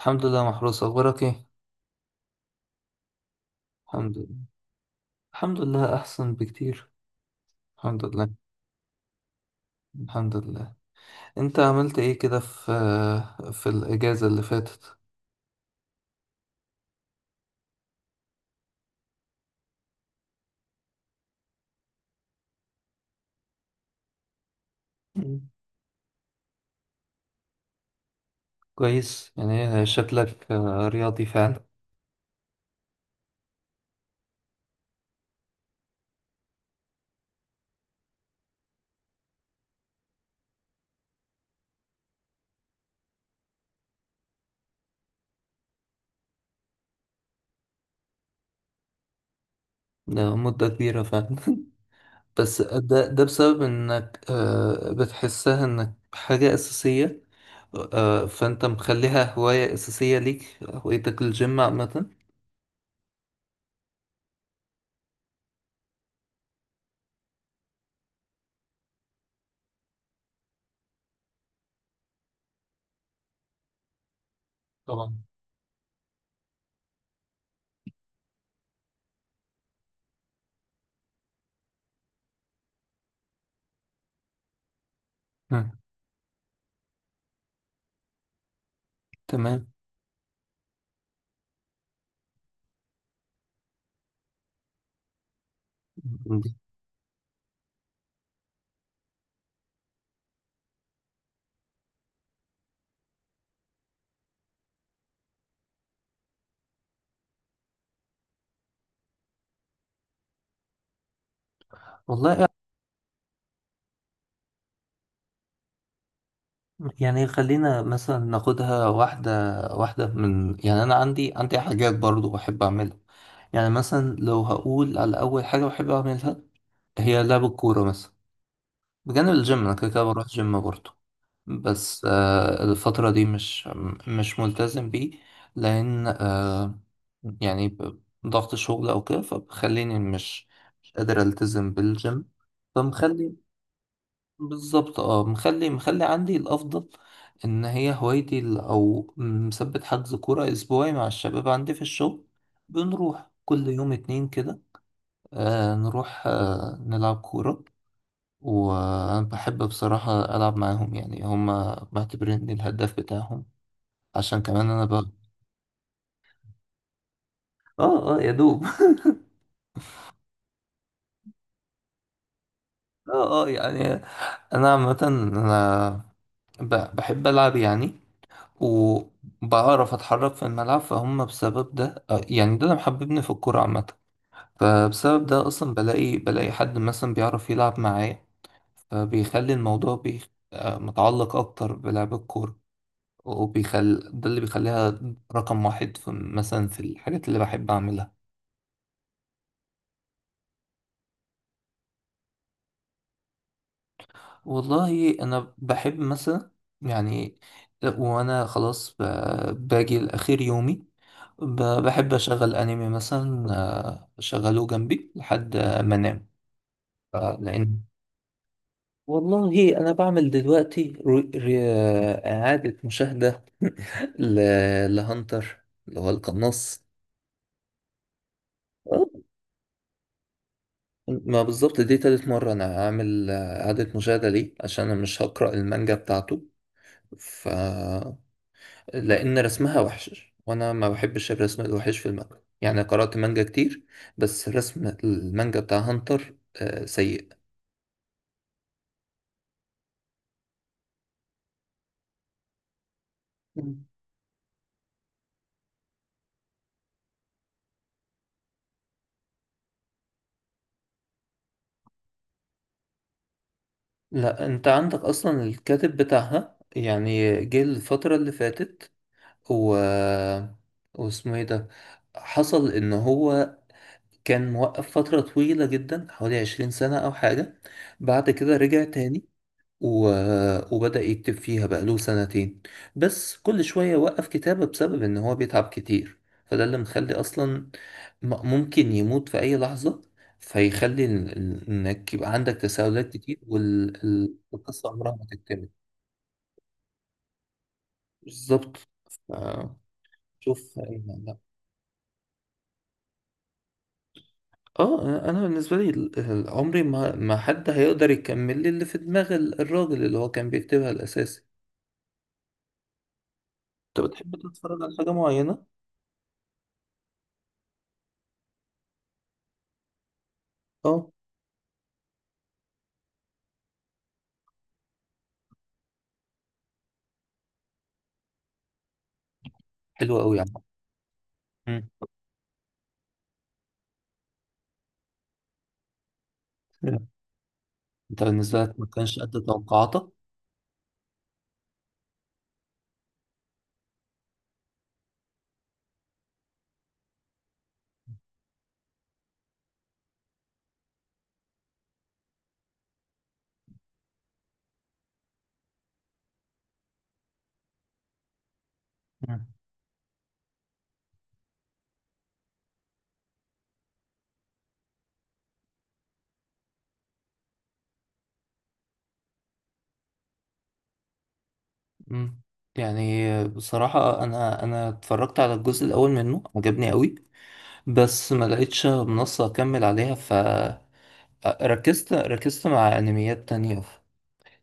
الحمد لله محروس، أخبارك إيه؟ الحمد لله. الحمد لله أحسن بكتير. الحمد لله. الحمد لله. أنت عملت إيه كده في الإجازة اللي فاتت؟ مم. كويس، يعني شكلك رياضي فعلا. ده مدة كبيرة فعلا. بس ده بسبب إنك بتحسها إنك حاجة أساسية. فأنت مخليها هواية أساسية ليك، هوايتك الجيم عامة. طبعا. مم. تمام. والله، يعني خلينا مثلا ناخدها واحدة واحدة من، يعني أنا عندي حاجات برضو بحب أعملها. يعني مثلا لو هقول على أول حاجة بحب أعملها، هي لعب الكورة مثلا. بجانب الجيم أنا كده كده بروح جيم برضو. بس الفترة دي مش ملتزم بيه. لأن يعني ضغط شغل أو كده فبخليني مش قادر ألتزم بالجيم. فمخلي بالظبط، مخلي عندي الافضل، ان هي هوايتي او مثبت حجز كوره اسبوعي مع الشباب عندي في الشغل. بنروح كل يوم اتنين كده. نروح نلعب كوره. وانا بحب بصراحه العب معاهم، يعني هما معتبريني الهداف بتاعهم، عشان كمان انا اه اه يا دوب. اه يعني انا عامه انا بحب العب يعني، وبعرف اتحرك في الملعب، فهم بسبب ده يعني ده اللي محببني في الكورة عامة. فبسبب ده اصلا بلاقي حد مثلا بيعرف يلعب معايا، فبيخلي الموضوع متعلق اكتر بلعب الكورة. ده اللي بيخليها رقم واحد في، مثلا في الحاجات اللي بحب اعملها. والله انا بحب مثلا، يعني، وانا خلاص باجي لاخر يومي، ب- بحب اشغل انمي مثلا، اشغله جنبي لحد ما انام. آه، لان والله انا بعمل دلوقتي اعادة مشاهدة لهانتر اللي هو القناص. آه، ما بالظبط، دي تالت مرة انا اعمل اعادة مشاهدة ليه، عشان انا مش هقرأ المانجا بتاعته، ف لأن رسمها وحش وأنا ما بحبش الرسم الوحش في المانجا، يعني قرأت مانجا كتير بس رسم المانجا بتاع هانتر سيء. مم. لا، أنت عندك أصلا الكاتب بتاعها، يعني جه الفترة اللي فاتت و... واسمه إيه ده. حصل إن هو كان موقف فترة طويلة جدا، حوالي 20 سنة أو حاجة. بعد كده رجع تاني و... وبدأ يكتب فيها بقاله سنتين، بس كل شوية وقف كتابة بسبب إن هو بيتعب كتير. فده اللي مخلي أصلا ممكن يموت في أي لحظة، فيخلي إنك يبقى عندك تساؤلات كتير والقصة عمرها ما تكتمل. بالظبط. ف- شوف. لا. اه، انا بالنسبه لي عمري ما حد هيقدر يكمل لي اللي في دماغ الراجل اللي هو كان بيكتبها الاساسي. انت بتحب تتفرج على حاجه معينه؟ اه. حلو قوي يا عم. مم. انت بالنسبة لك ما كانش قد توقعاتك؟ مم. مم. يعني بصراحة أنا اتفرجت على الجزء الأول منه، عجبني قوي، بس ما لقيتش منصة أكمل عليها، فركزت مع أنميات تانية.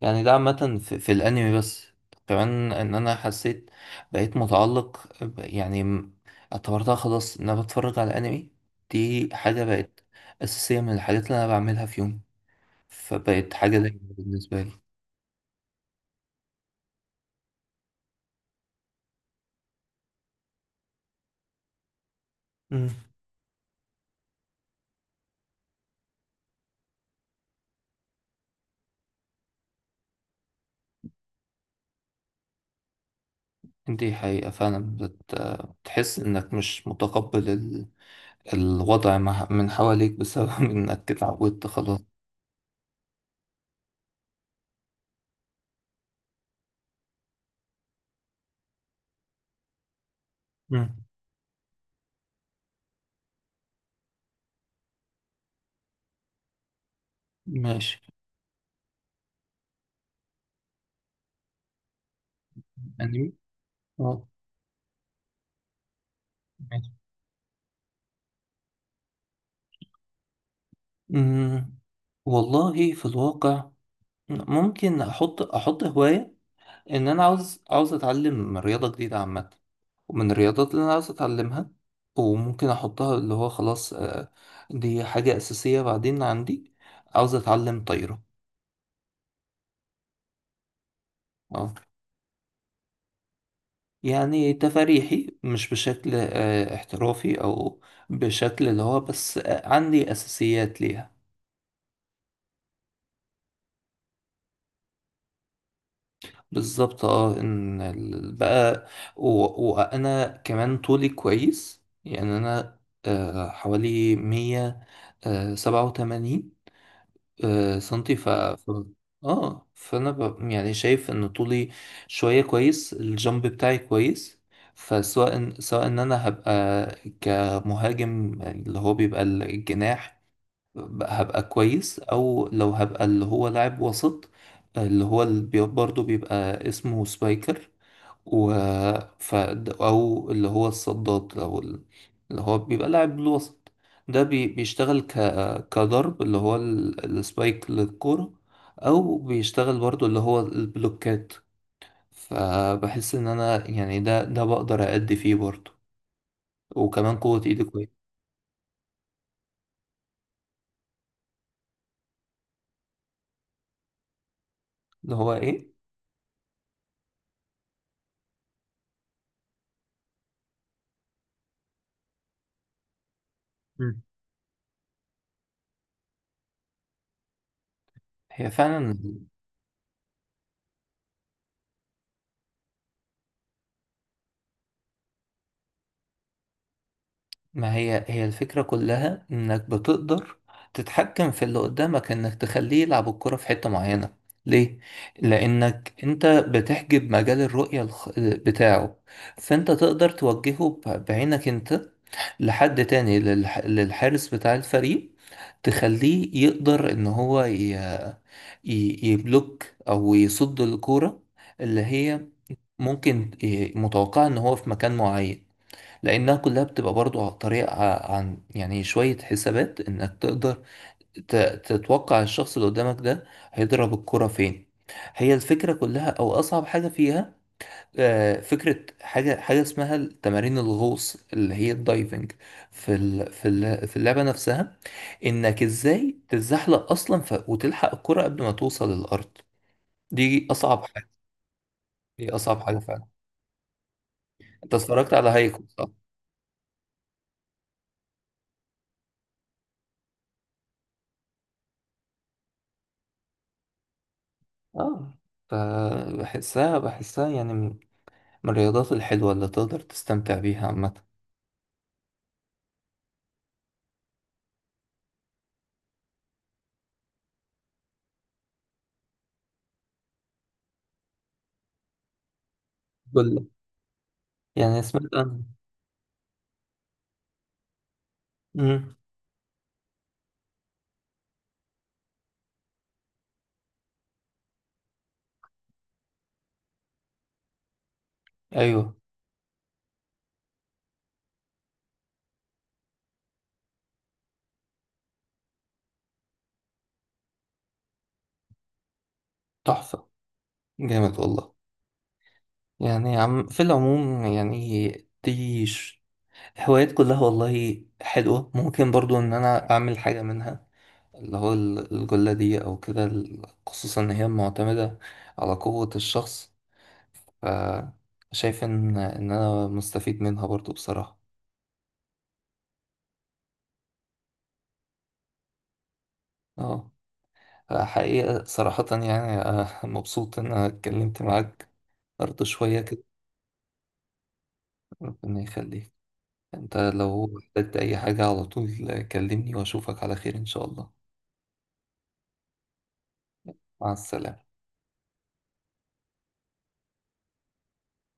يعني ده عامة في الأنمي بس، كمان إن أنا حسيت بقيت متعلق يعني اعتبرتها خلاص إن أنا بتفرج على أنمي. دي حاجة بقت أساسية من الحاجات اللي أنا بعملها في يومي، فبقت حاجة دايما بالنسبة لي. مم. دي حقيقة فعلا، بتحس إنك مش متقبل الوضع من حواليك بسبب إنك اتعودت خلاص. مم. ماشي. يعني آه. ماشي. مم. والله في الواقع، ممكن أحط هواية، إن أنا عاوز أتعلم رياضة جديدة عامة، ومن الرياضات اللي أنا عاوز أتعلمها وممكن أحطها اللي هو خلاص، دي حاجة أساسية بعدين عندي، عاوز أتعلم طايرة. اه. يعني تفاريحي، مش بشكل احترافي او بشكل اللي هو بس، عندي اساسيات ليها. بالظبط، اه ان بقى، وانا كمان طولي كويس، يعني انا حوالي مية سبعة وتمانين سنتي اه، فانا يعني شايف ان طولي شويه كويس، الجامب بتاعي كويس. سواء ان انا هبقى كمهاجم، يعني اللي هو بيبقى الجناح، هبقى كويس، او لو هبقى اللي هو لاعب وسط، اللي هو برضه بيبقى اسمه سبايكر، و ف... او اللي هو الصداد او اللي هو بيبقى لاعب بالوسط. ده بيشتغل كضرب اللي هو السبايك للكرة، او بيشتغل برضو اللي هو البلوكات. فبحس ان انا يعني ده بقدر أأدي فيه برضو، وكمان قوة ايدي كويس. اللي هو ايه؟ مم. هي فعلا. ما هي هي الفكرة كلها، انك بتقدر تتحكم في اللي قدامك، انك تخليه يلعب الكرة في حتة معينة. ليه؟ لانك انت بتحجب مجال الرؤية بتاعه، فانت تقدر توجهه بعينك انت لحد تاني، للحارس بتاع الفريق، تخليه يقدر ان هو يبلوك او يصد الكرة اللي هي ممكن متوقعة ان هو في مكان معين. لانها كلها بتبقى برضو طريقة، عن يعني شوية حسابات، انك تقدر ت- تتوقع الشخص اللي قدامك ده هيضرب الكرة فين. هي الفكرة كلها، او اصعب حاجة فيها فكرة، حاجة اسمها تمارين الغوص، اللي هي الدايفنج في في اللعبة نفسها، انك ازاي تتزحلق اصلا وتلحق الكرة قبل ما توصل للارض. دي اصعب حاجة. دي اصعب حاجة فعلا. انت اتفرجت على هايكو، صح؟ اه. فبحسها يعني من الرياضات الحلوة اللي تقدر تستمتع بيها عامة. كل يعني سمعت عنها. امم. ايوه. تحفة، جامد والله. يعني عم، في العموم، يعني دي هوايات كلها والله حلوة، ممكن برضو ان انا اعمل حاجة منها، اللي هو الجلة دي او كده، خصوصا ان هي معتمدة على قوة الشخص، فشايف ان انا مستفيد منها برضو بصراحة. اه. حقيقة صراحة، يعني مبسوط إن أنا اتكلمت معاك برضه شوية كده. ربنا يخليك. أنت لو احتجت أي حاجة على طول كلمني، وأشوفك على خير إن شاء الله. مع السلامة.